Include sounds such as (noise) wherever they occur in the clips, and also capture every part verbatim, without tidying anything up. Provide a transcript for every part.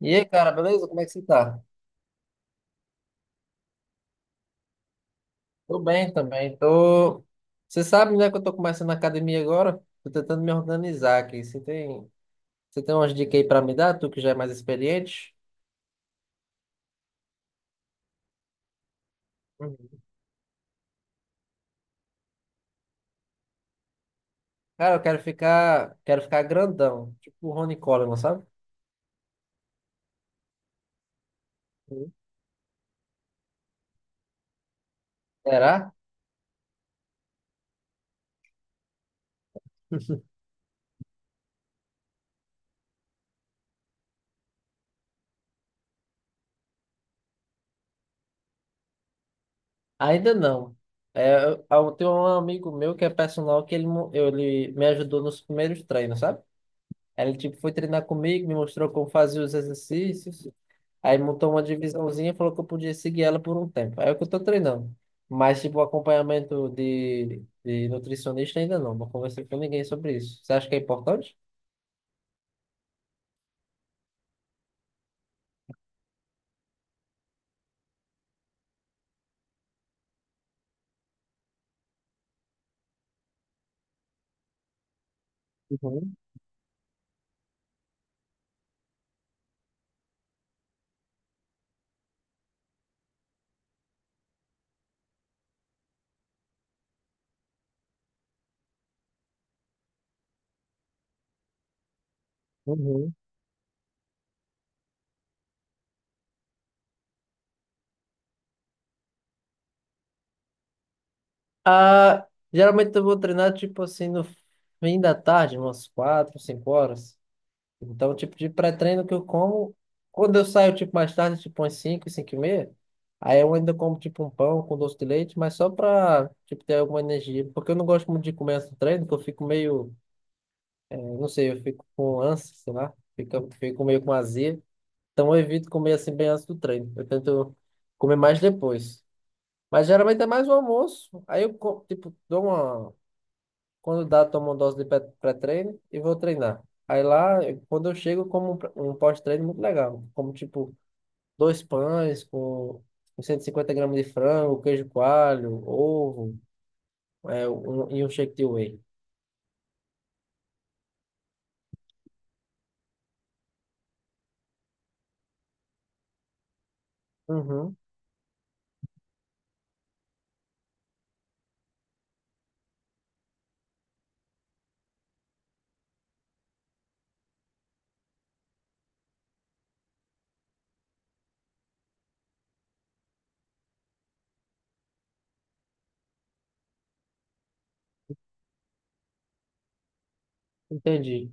E aí, cara, beleza? Como é que você tá? Tô bem também. Tô. Você sabe, né, que eu tô começando a academia agora? Tô tentando me organizar aqui. Você tem, você tem umas dicas aí pra me dar? Tu que já é mais experiente? Uhum. Cara, eu quero ficar, quero ficar grandão, tipo o Ronnie Coleman, sabe? Uhum. Será? (laughs) Ainda não. É, eu, eu tenho um amigo meu que é personal que ele, mo- ele me ajudou nos primeiros treinos, sabe? Ele tipo foi treinar comigo, me mostrou como fazer os exercícios. Aí montou uma divisãozinha e falou que eu podia seguir ela por um tempo. Aí é o que eu tô treinando. Mas, tipo, acompanhamento de, de nutricionista ainda não. Não conversei com ninguém sobre isso. Você acha que é importante? Uhum, uhum. Ah, geralmente eu vou treinar, tipo assim, no fim da tarde, umas quatro, cinco horas. Então, tipo, de pré-treino que eu como, quando eu saio, tipo, mais tarde, tipo, umas cinco, cinco e meia, aí eu ainda como, tipo, um pão com doce de leite, mas só pra, tipo, ter alguma energia. Porque eu não gosto muito de comer antes do treino, porque eu fico meio. Eu não sei, eu fico com ânsia, sei lá, fico, fico meio com azia. Então eu evito comer assim bem antes do treino. Eu tento comer mais depois. Mas geralmente é mais o almoço. Aí eu, co- tipo, dou uma. Quando dá, tomo uma dose de pré- pré-treino e vou treinar. Aí lá, eu- quando eu chego, eu como um pré- um pós-treino muito legal. Como, tipo, dois pães com com cento e cinquenta gramas de frango, queijo coalho, ovo, é, um, e um shake de whey. Uhum, entendi.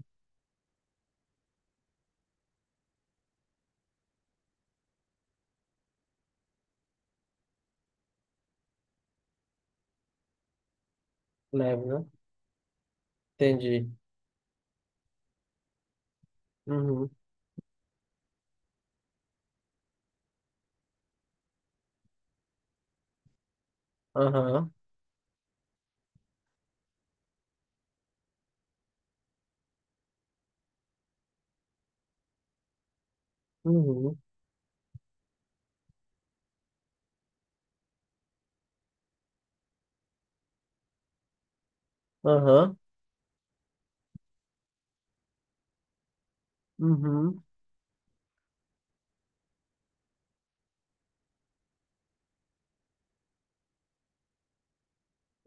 Leve, né? Entendi. Uhum. Aham, uhum, aham, uhum,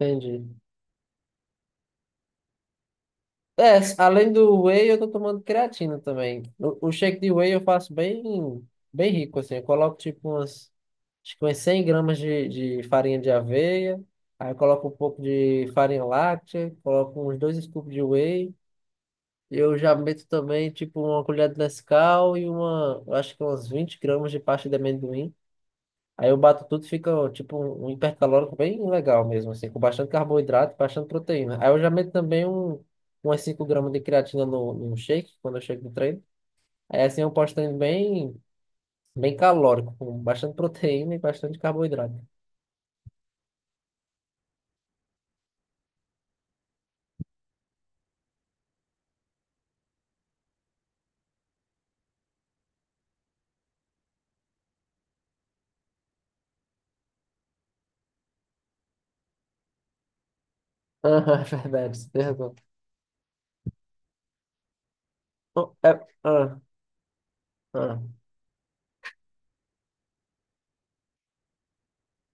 entendi. É, além do whey, eu tô tomando creatina também. O, o shake de whey eu faço bem, bem rico, assim. Eu coloco tipo umas, acho que umas cem gramas de, de farinha de aveia, aí eu coloco um pouco de farinha láctea, coloco uns dois scoops de whey. Eu já meto também, tipo, uma colher de Nescau e uma, eu acho que umas vinte gramas de pasta de amendoim. Aí eu bato tudo, fica ó, tipo um um hipercalórico bem legal mesmo, assim, com bastante carboidrato, bastante proteína. Aí eu já meto também um, umas cinco gramas de creatina no, no shake, quando eu chego do treino. Aí assim eu posto treino bem, bem calórico, com bastante proteína e bastante carboidrato. Aham, (laughs) é verdade, você tem razão. Bom, é- ah, ah.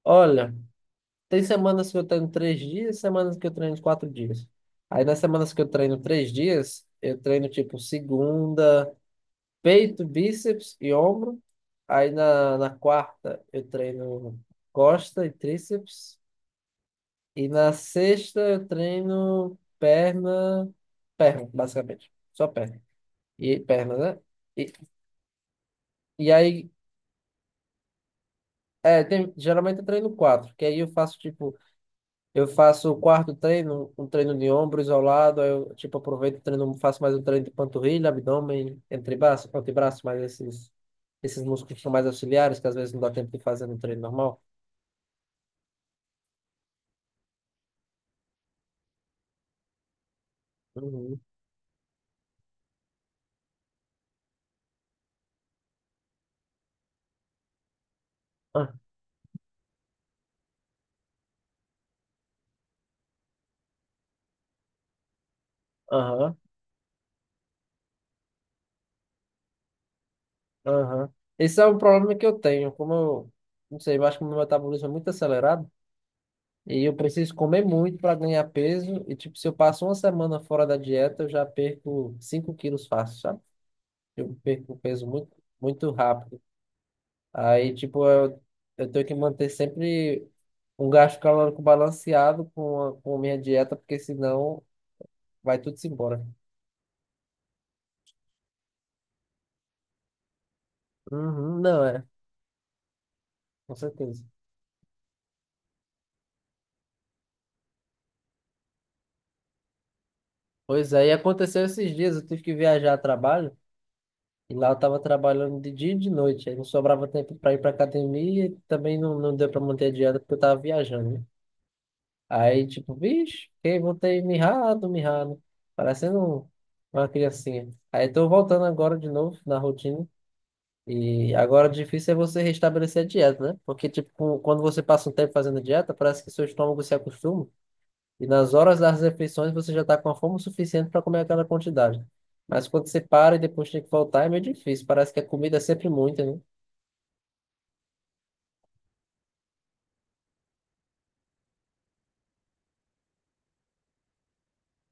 Olha, tem semanas que eu treino três dias, semanas que eu treino quatro dias. Aí nas semanas que eu treino três dias, eu treino tipo segunda: peito, bíceps e ombro. Aí na, na quarta eu treino costa e tríceps. E na sexta eu treino perna, perna, basicamente. Só perna. E perna, né? E, e aí, é, tem, geralmente eu treino quatro, que aí eu faço tipo, eu faço o quarto treino, um treino de ombro isolado, aí eu tipo aproveito e treino, faço mais um treino de panturrilha, abdômen, antebraço, antebraço, mais esses, esses, músculos que são mais auxiliares, que às vezes não dá tempo de fazer no treino normal. Uhum. Ah, aham, aham. Esse é o problema que eu tenho. Como eu, não sei, eu acho que o meu metabolismo é muito acelerado e eu preciso comer muito para ganhar peso. E, tipo, se eu passo uma semana fora da dieta, eu já perco cinco quilos fácil, sabe? Eu perco um peso muito, muito rápido. Aí, tipo, eu, eu tenho que manter sempre um gasto calórico balanceado com a, com a minha dieta, porque senão vai tudo se embora. Uhum, não é, com certeza. Pois é, e aconteceu esses dias, eu tive que viajar a trabalho. E lá eu tava trabalhando de dia e de noite, aí não sobrava tempo para ir para academia e também não, não deu para manter a dieta porque eu tava viajando, né? Aí, tipo, vixe, fiquei, voltei mirrado, mirrado, parecendo um- uma criancinha. Aí tô voltando agora de novo na rotina e agora o difícil é você restabelecer a dieta, né? Porque, tipo, com- quando você passa um tempo fazendo dieta, parece que seu estômago se acostuma e nas horas das refeições você já está com a fome suficiente para comer aquela quantidade. Mas quando você para e depois tem que voltar, é meio difícil. Parece que a comida é sempre muita, né?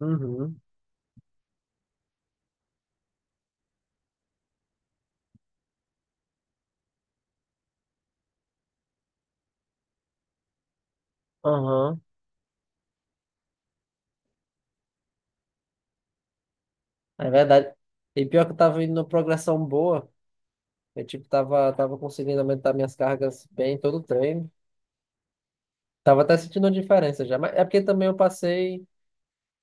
Uhum, aham. É verdade. E pior que eu tava indo numa progressão boa. Eu, tipo, tava, tava conseguindo aumentar minhas cargas bem em todo o treino. Tava até sentindo uma diferença já. Mas é porque também eu passei,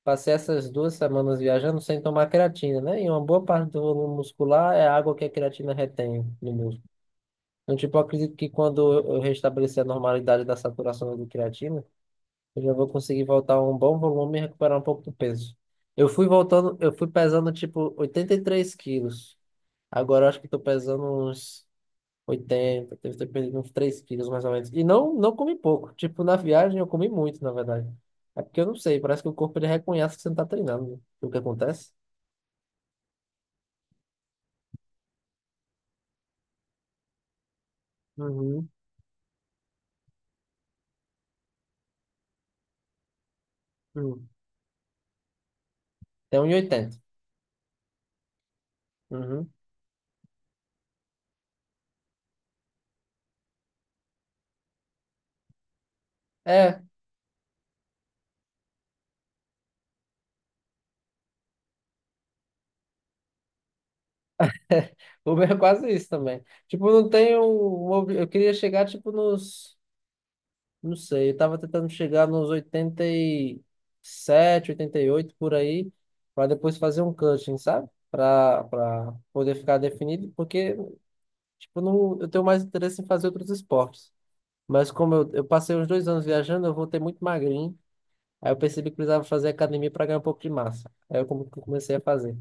passei essas duas semanas viajando sem tomar creatina, né? E uma boa parte do volume muscular é a água que a creatina retém no músculo. Então, tipo, eu acredito que quando eu eu restabelecer a normalidade da saturação da creatina, eu já vou conseguir voltar a um bom volume e recuperar um pouco do peso. Eu fui voltando, eu fui pesando, tipo, oitenta e três quilos. Agora eu acho que tô pesando uns oitenta, deve ter perdido uns três quilos mais ou menos. E não, não comi pouco. Tipo, na viagem eu comi muito, na verdade. É porque eu não sei, parece que o corpo ele reconhece que você não tá treinando, né? O que acontece? Uhum. Uhum. Tem um e oitenta. Uhum. É, (laughs) Uber é quase isso também. Tipo, não tenho. um ob- Eu queria chegar, tipo, nos. Não sei, eu tava tentando chegar nos oitenta, oitenta e sete, oitenta e oito por aí, para depois fazer um cutting, sabe? Para para poder ficar definido, porque, tipo, não, eu tenho mais interesse em fazer outros esportes. Mas como eu, eu passei uns dois anos viajando, eu voltei muito magrinho. Aí eu percebi que precisava fazer academia para ganhar um pouco de massa. Aí eu come- comecei a fazer.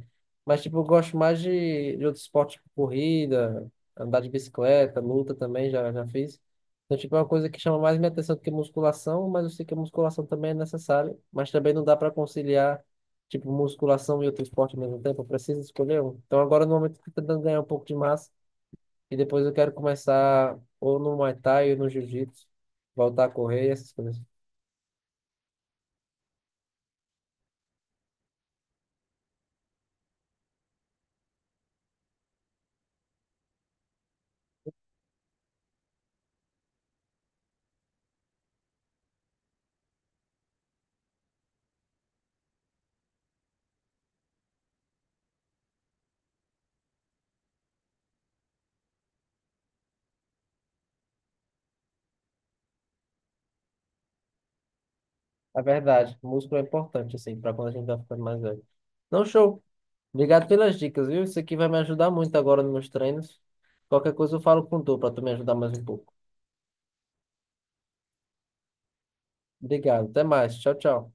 Mas, tipo, eu gosto mais de, de outros esportes, tipo corrida, andar de bicicleta, luta também, já, já fiz. Então, tipo, é uma coisa que chama mais minha atenção do que musculação, mas eu sei que a musculação também é necessária. Mas também não dá para conciliar, tipo, musculação e outro esporte ao mesmo tempo. Eu preciso escolher um. Então, agora, no momento, eu tô tentando ganhar um pouco de massa. E depois eu quero começar ou no Muay Thai ou no Jiu-Jitsu, voltar a correr, essas coisas. É verdade, músculo é importante, assim, para quando a gente vai ficando mais velho. Não, show. Obrigado pelas dicas, viu? Isso aqui vai me ajudar muito agora nos meus treinos. Qualquer coisa eu falo com tu para tu me ajudar mais um pouco. Obrigado, até mais. Tchau, tchau.